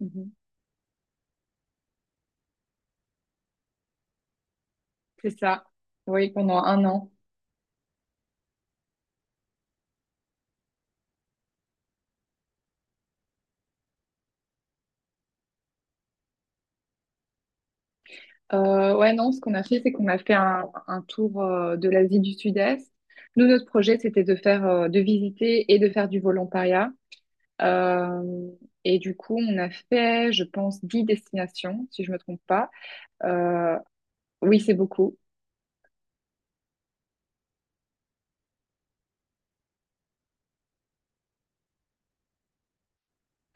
Mhm. C'est ça. Oui, pendant un an. Ouais, non, ce qu'on a fait, c'est qu'on a fait un tour de l'Asie du Sud-Est. Nous, notre projet, c'était de faire, de visiter et de faire du volontariat. Euh, et du coup, on a fait, je pense, 10 destinations, si je me trompe pas. Euh, oui, c'est beaucoup.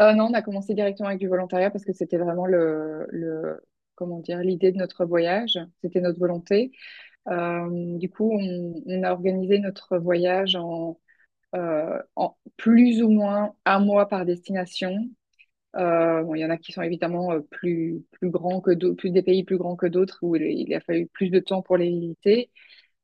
Non, on a commencé directement avec du volontariat parce que c'était vraiment le, comment dire, l'idée de notre voyage. C'était notre volonté. Du coup, on a organisé notre voyage en plus ou moins un mois par destination. Bon, il y en a qui sont évidemment plus grands que d'autres, plus des pays plus grands que d'autres où il a fallu plus de temps pour les visiter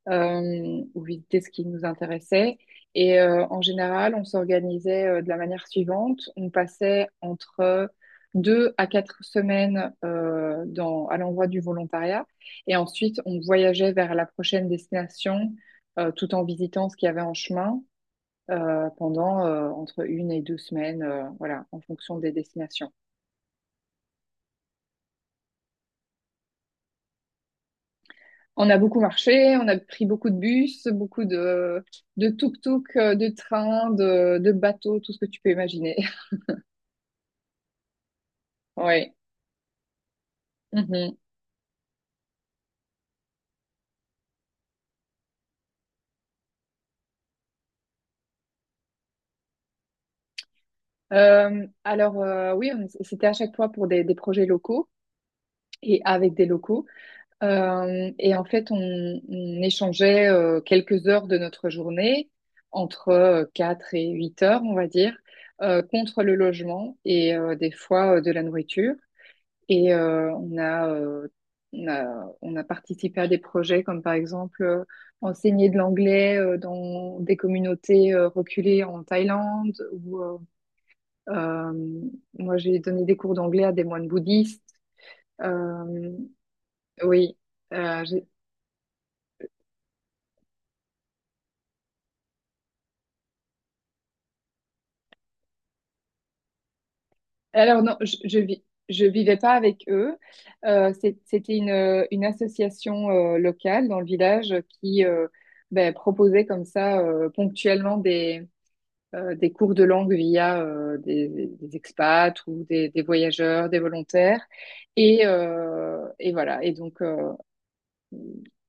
ou visiter ce qui nous intéressait. Et en général, on s'organisait de la manière suivante. On passait entre deux à quatre semaines dans, à l'endroit du volontariat et ensuite on voyageait vers la prochaine destination tout en visitant ce qu'il y avait en chemin pendant entre une et deux semaines, voilà, en fonction des destinations. On a beaucoup marché, on a pris beaucoup de bus, beaucoup de tuk-tuk, de trains, de bateaux, tout ce que tu peux imaginer. Oui. Mhm. Alors, oui, c'était à chaque fois pour des projets locaux et avec des locaux. Et en fait, on échangeait quelques heures de notre journée, entre 4 et 8 heures, on va dire, contre le logement et des fois de la nourriture. Et on a participé à des projets comme par exemple enseigner de l'anglais dans des communautés reculées en Thaïlande. Ou, euh, moi, j'ai donné des cours d'anglais à des moines bouddhistes. Euh, oui. Euh, Alors non, je vivais pas avec eux. C'était une association locale dans le village qui ben, proposait comme ça ponctuellement des cours de langue via des expats ou des voyageurs, des volontaires. Et voilà. Et donc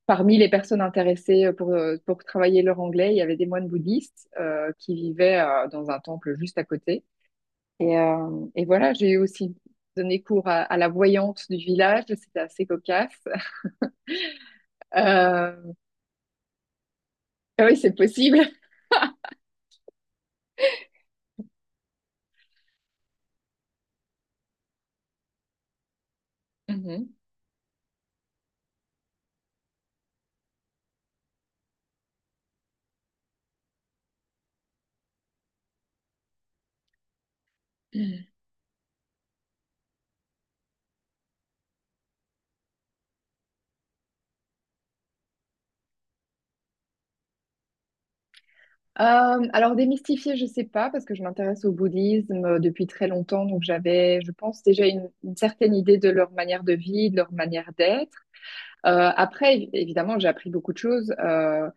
parmi les personnes intéressées pour travailler leur anglais, il y avait des moines bouddhistes qui vivaient dans un temple juste à côté. Et voilà, j'ai aussi donné cours à la voyante du village, c'était assez cocasse. Euh, ah oui, c'est possible. Mhm. Alors, démystifier, je sais pas, parce que je m'intéresse au bouddhisme depuis très longtemps, donc j'avais, je pense, déjà une certaine idée de leur manière de vie, de leur manière d'être. Après, évidemment, j'ai appris beaucoup de choses. Euh,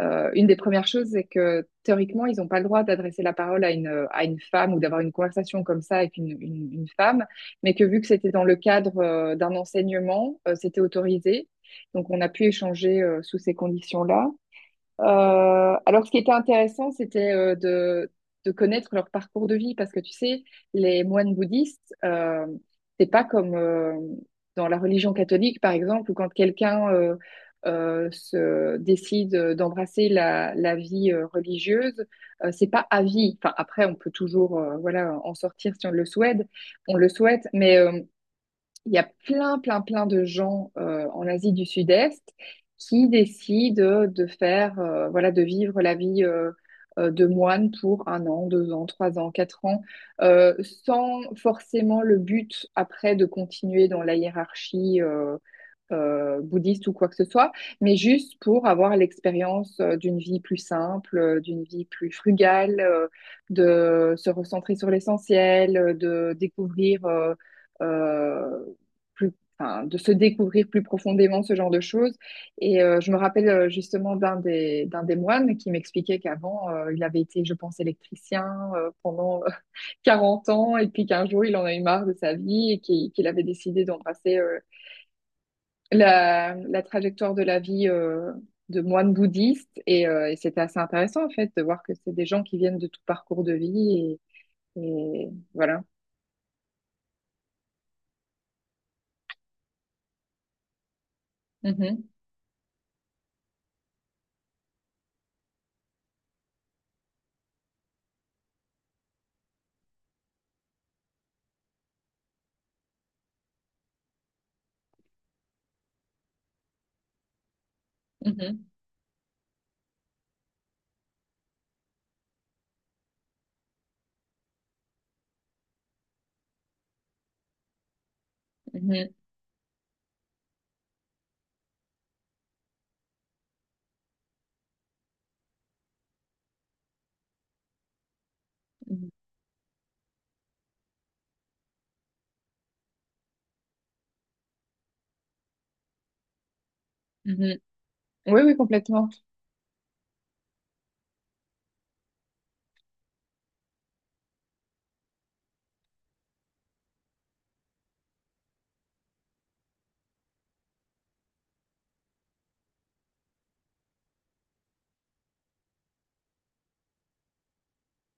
euh, Une des premières choses, c'est que théoriquement, ils n'ont pas le droit d'adresser la parole à une femme ou d'avoir une conversation comme ça avec une femme, mais que vu que c'était dans le cadre d'un enseignement, c'était autorisé. Donc, on a pu échanger sous ces conditions-là. Alors, ce qui était intéressant, c'était de connaître leur parcours de vie, parce que tu sais, les moines bouddhistes, c'est pas comme dans la religion catholique, par exemple, où quand quelqu'un se décide d'embrasser la vie religieuse, c'est pas à vie. Enfin, après, on peut toujours, voilà, en sortir si on le souhaite, mais il y a plein, plein, plein de gens en Asie du Sud-Est qui décident de faire, voilà, de vivre la vie de moine pour un an, deux ans, trois ans, quatre ans, euh, sans forcément le but après de continuer dans la hiérarchie. Bouddhiste ou quoi que ce soit, mais juste pour avoir l'expérience d'une vie plus simple, d'une vie plus frugale, de se recentrer sur l'essentiel, de découvrir euh, plus, enfin, de se découvrir plus profondément ce genre de choses. Et je me rappelle justement d'un des moines qui m'expliquait qu'avant, il avait été, je pense, électricien pendant 40 ans et puis qu'un jour, il en a eu marre de sa vie et qu'il avait décidé d'embrasser la trajectoire de la vie de moine bouddhiste et c'était assez intéressant en fait de voir que c'est des gens qui viennent de tout parcours de vie et voilà. Mhm, mhm, mhm, mhm, mhm. Oui, oui, complètement.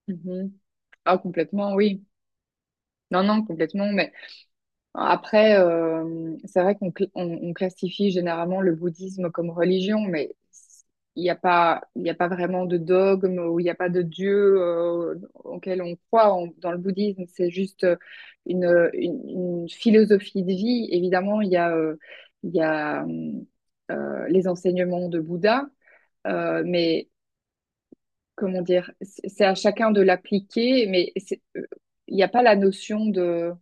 Mhm. Ah, complètement, oui. Non, non, complètement. Mais après, c'est vrai on classifie généralement le bouddhisme comme religion, mais il n'y a pas vraiment de dogme ou il n'y a pas de dieu auquel on croit dans le bouddhisme. C'est juste une, une philosophie de vie. Évidemment, il y a les enseignements de Bouddha, mais comment dire, c'est à chacun de l'appliquer, mais il n'y a pas la notion de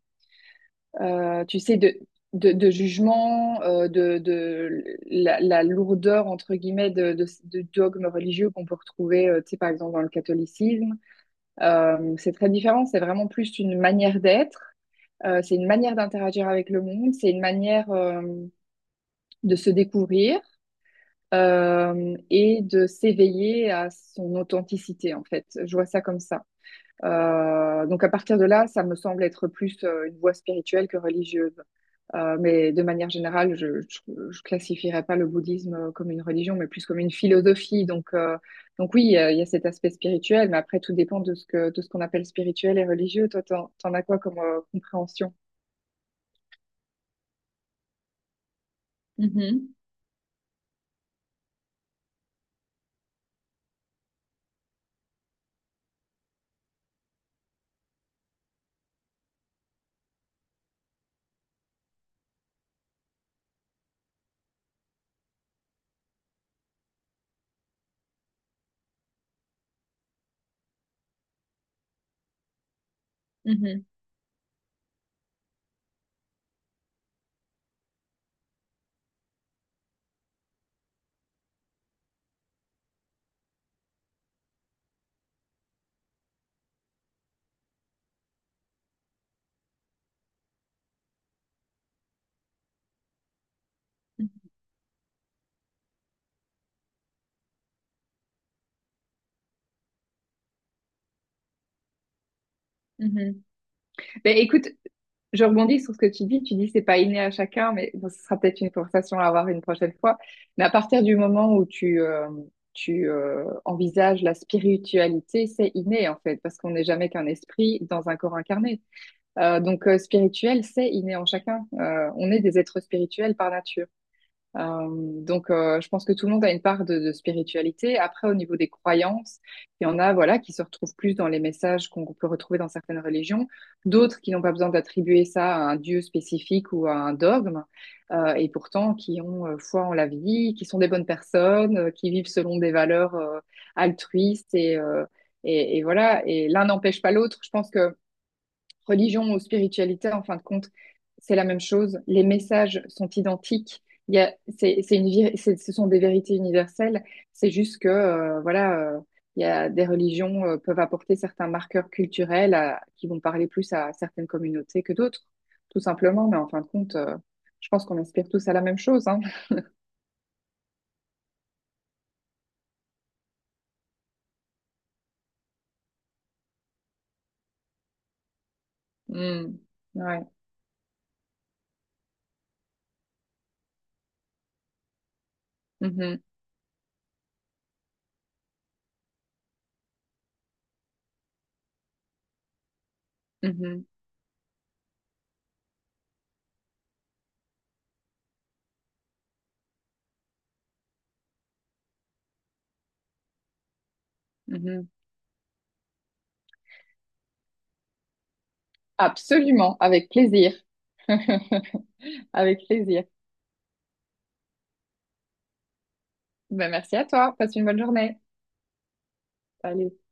tu sais, de jugement, de la lourdeur, entre guillemets, de dogmes religieux qu'on peut retrouver, tu sais, par exemple, dans le catholicisme. C'est très différent, c'est vraiment plus une manière d'être, c'est une manière d'interagir avec le monde, c'est une manière de se découvrir et de s'éveiller à son authenticité, en fait. Je vois ça comme ça. Donc à partir de là, ça me semble être plus une voie spirituelle que religieuse. Mais de manière générale, je ne classifierais pas le bouddhisme comme une religion, mais plus comme une philosophie. Donc, oui, il y a cet aspect spirituel, mais après, tout dépend de ce qu'on appelle spirituel et religieux. Toi, t'en as quoi comme compréhension? Mhm, mhm, mhm, mhm. Ben, écoute, je rebondis sur ce que tu dis. Tu dis c'est pas inné à chacun, mais bon, ce sera peut-être une conversation à avoir une prochaine fois. Mais à partir du moment où tu envisages la spiritualité, c'est inné en fait, parce qu'on n'est jamais qu'un esprit dans un corps incarné. Donc spirituel, c'est inné en chacun. On est des êtres spirituels par nature. Donc, je pense que tout le monde a une part de spiritualité. Après, au niveau des croyances, il y en a, voilà, qui se retrouvent plus dans les messages qu'on peut retrouver dans certaines religions, d'autres qui n'ont pas besoin d'attribuer ça à un dieu spécifique ou à un dogme, et pourtant qui ont foi en la vie, qui sont des bonnes personnes, qui vivent selon des valeurs altruistes et voilà. Et l'un n'empêche pas l'autre. Je pense que religion ou spiritualité, en fin de compte, c'est la même chose. Les messages sont identiques. Il y a, c'est une, vir- c'est- ce sont des vérités universelles. C'est juste que, voilà, il y a des religions peuvent apporter certains marqueurs culturels qui vont parler plus à certaines communautés que d'autres, tout simplement. Mais en fin de compte, je pense qu'on aspire tous à la même chose, hein. Mm. Ouais. Mhm. Mhm. Mhm. Absolument, avec plaisir. Avec plaisir. Ben, merci à toi. Passe une bonne journée. Allez.